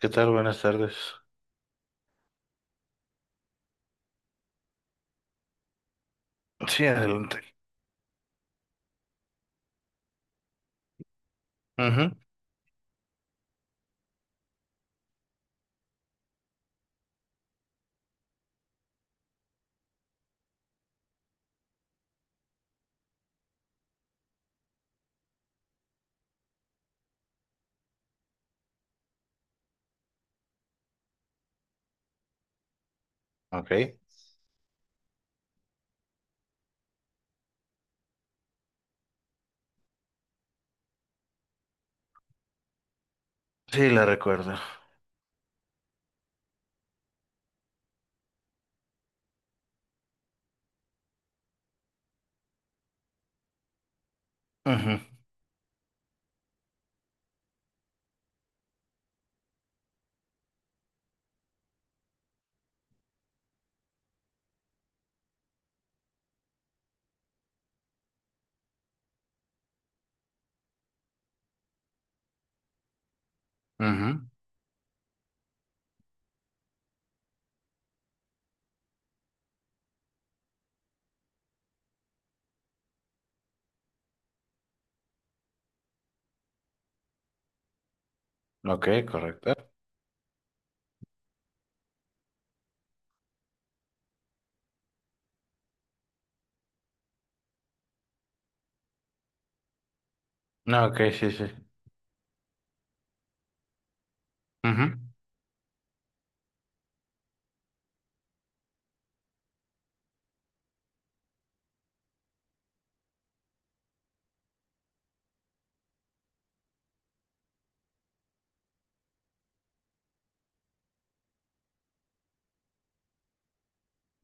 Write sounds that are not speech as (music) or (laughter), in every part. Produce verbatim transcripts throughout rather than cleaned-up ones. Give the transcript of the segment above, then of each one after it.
¿Qué tal? Buenas tardes. Sí, adelante. Ujú. Ok. Sí, la recuerdo. Ujú. Ujú. Ok, correcto. No, ok, sí, sí. Ujú.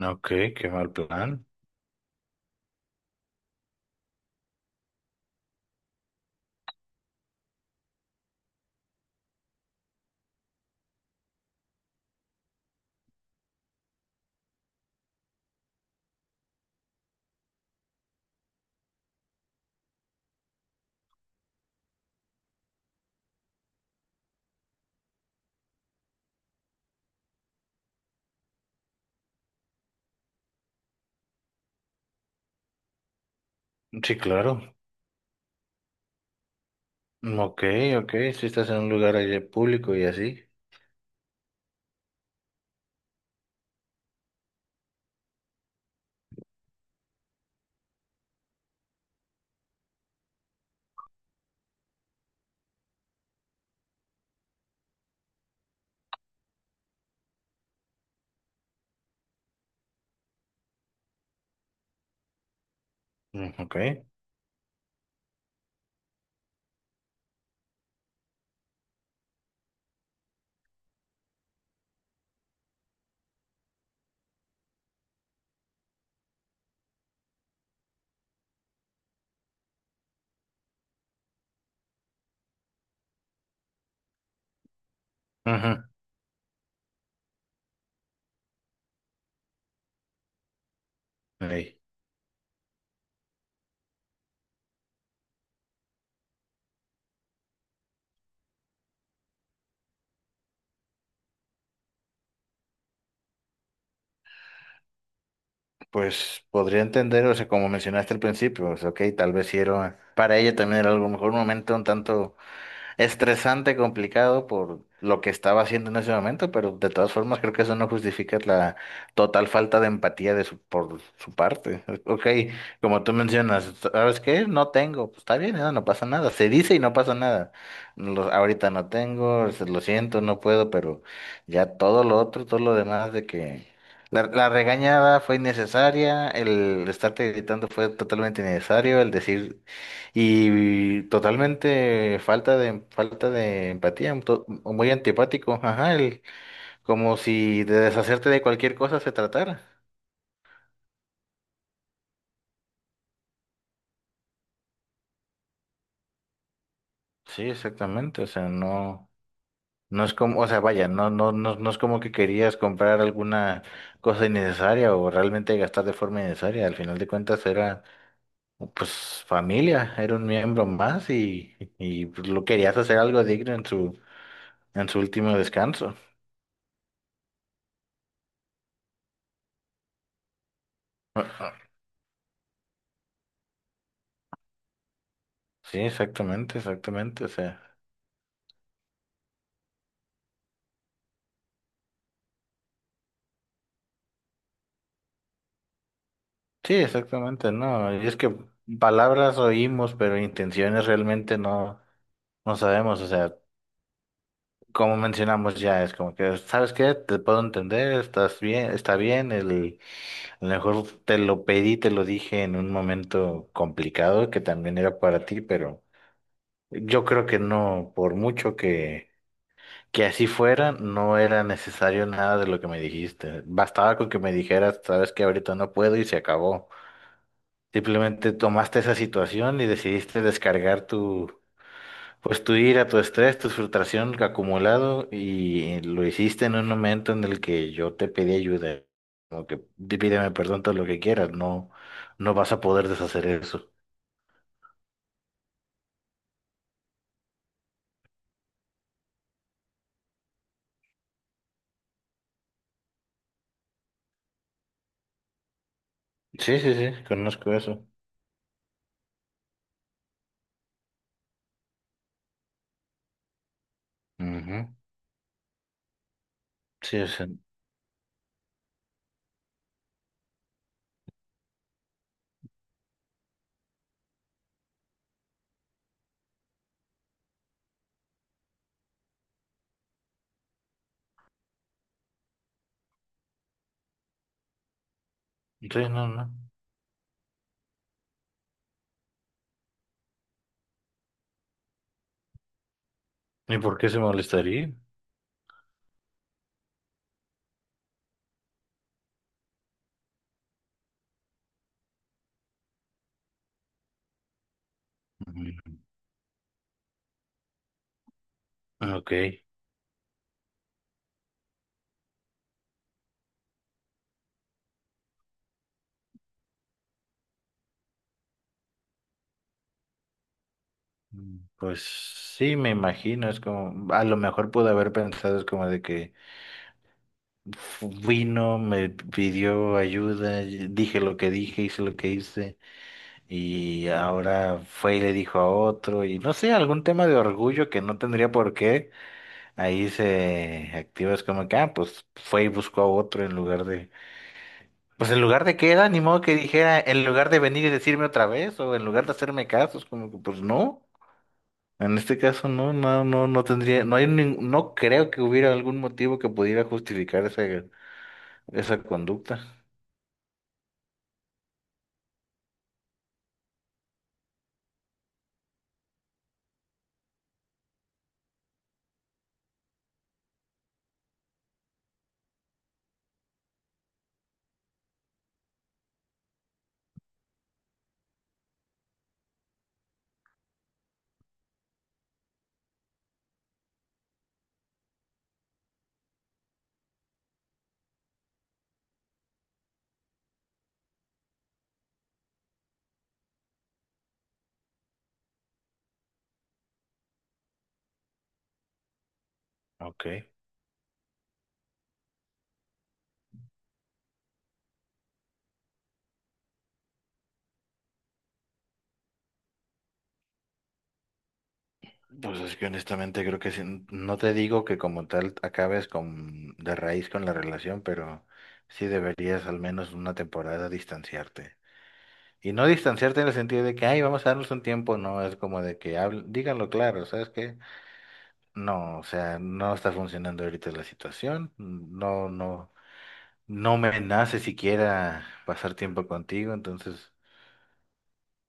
Ok, qué mal plan. Sí, claro. Ok, ok, si estás en un lugar allí público y así. Mm, ok. Ujú. Ey. Pues podría entender, o sea, como mencionaste al principio, o sea, ok, tal vez sí era, para ella también era algo, a lo mejor un momento un tanto estresante, complicado por lo que estaba haciendo en ese momento, pero de todas formas creo que eso no justifica la total falta de empatía de su, por su parte. (laughs) Ok, como tú mencionas, ¿sabes qué? No tengo, pues está bien, no, no pasa nada, se dice y no pasa nada. Lo- ahorita no tengo, se- lo siento, no puedo, pero ya todo lo otro, todo lo demás de que... La, la regañada fue innecesaria, el estarte gritando fue totalmente innecesario, el decir y totalmente falta de falta de empatía, un to- muy antipático, ajá, el, como si de deshacerte de cualquier cosa se tratara. Sí, exactamente, o sea, no no es como, o sea, vaya, no no no, no es como que querías comprar alguna cosa innecesaria o realmente gastar de forma innecesaria, al final de cuentas era pues familia, era un miembro más y y pues, lo querías hacer algo digno en su en su último descanso. Sí, exactamente, exactamente, o sea. Sí, exactamente, no. Y es que palabras oímos, pero intenciones realmente no, no sabemos. O sea, como mencionamos ya, es como que, ¿sabes qué? Te puedo entender, estás bien, está bien. El, a lo mejor te lo pedí, te lo dije en un momento complicado que también era para ti, pero yo creo que no, por mucho que, que así fuera, no era necesario nada de lo que me dijiste. Bastaba con que me dijeras, ¿sabes qué? Ahorita no puedo y se acabó. Simplemente tomaste esa situación y decidiste descargar tu, pues tu ira, tu estrés, tu frustración acumulado y lo hiciste en un momento en el que yo te pedí ayuda. Como que "Di- pídeme perdón todo lo que quieras, no, no vas a poder deshacer eso". Sí, sí, sí, conozco eso. Ujú. Sí, o sea, sí, no, no. ¿Y por qué se molestaría? Ujú. Ok. Mm, pues sí, me imagino, es como, a lo mejor pude haber pensado, es como de que vino, me pidió ayuda, y dije lo que dije, hice lo que hice, y ahora fue y le dijo a otro, y no sé, algún tema de orgullo que no tendría por qué, ahí se activa, es como que, ah, pues fue y buscó a otro en lugar de, pues en lugar de que era, ni modo que dijera, en lugar de venir y decirme otra vez, o en lugar de hacerme caso, es como que, pues no. En este caso no, no, no, no tendría, no hay, nin- no creo que hubiera algún motivo que pudiera justificar esa, esa conducta. Ok. Pues es que honestamente creo que sí, no te digo que como tal acabes con, de raíz con la relación, pero sí deberías al menos una temporada distanciarte. Y no distanciarte en el sentido de que, ay, vamos a darnos un tiempo, no, es como de que habl- díganlo claro, ¿sabes qué? No, o sea, no está funcionando ahorita la situación, no, no, no me nace siquiera pasar tiempo contigo, entonces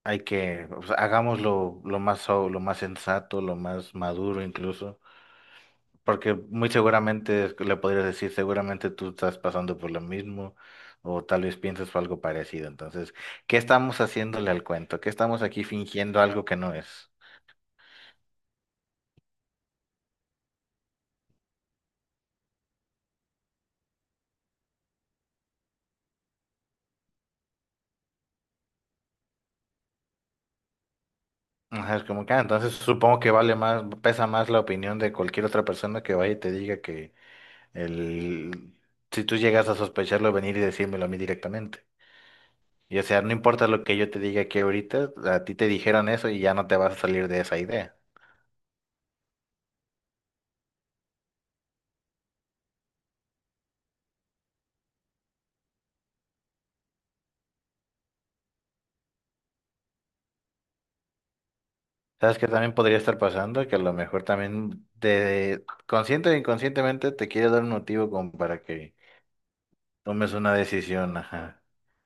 hay que, o sea, hagámoslo lo más, so- lo más sensato, lo más maduro incluso. Porque muy seguramente le podrías decir, seguramente tú estás pasando por lo mismo o tal vez piensas algo parecido. Entonces, ¿qué estamos haciéndole al cuento? ¿Qué estamos aquí fingiendo algo que no es? Ajá, es como que, ah, entonces supongo que vale más, pesa más la opinión de cualquier otra persona que vaya y te diga que el, si tú llegas a sospecharlo, venir y decírmelo a mí directamente. Y o sea, no importa lo que yo te diga aquí ahorita, a ti te dijeron eso y ya no te vas a salir de esa idea. ¿Sabes qué también podría estar pasando? Que a lo mejor también te, consciente o inconscientemente te quiere dar un motivo como para que tomes una decisión, ajá.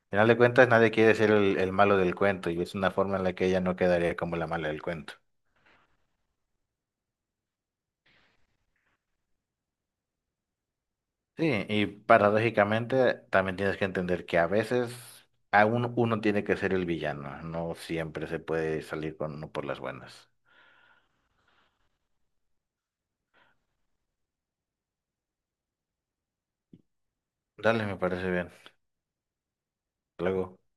Al final de cuentas, nadie quiere ser el, el malo del cuento y es una forma en la que ella no quedaría como la mala del cuento. Sí, y paradójicamente también tienes que entender que a veces aún uno tiene que ser el villano, no siempre se puede salir con uno por las buenas. Dale, me parece bien. Hasta luego.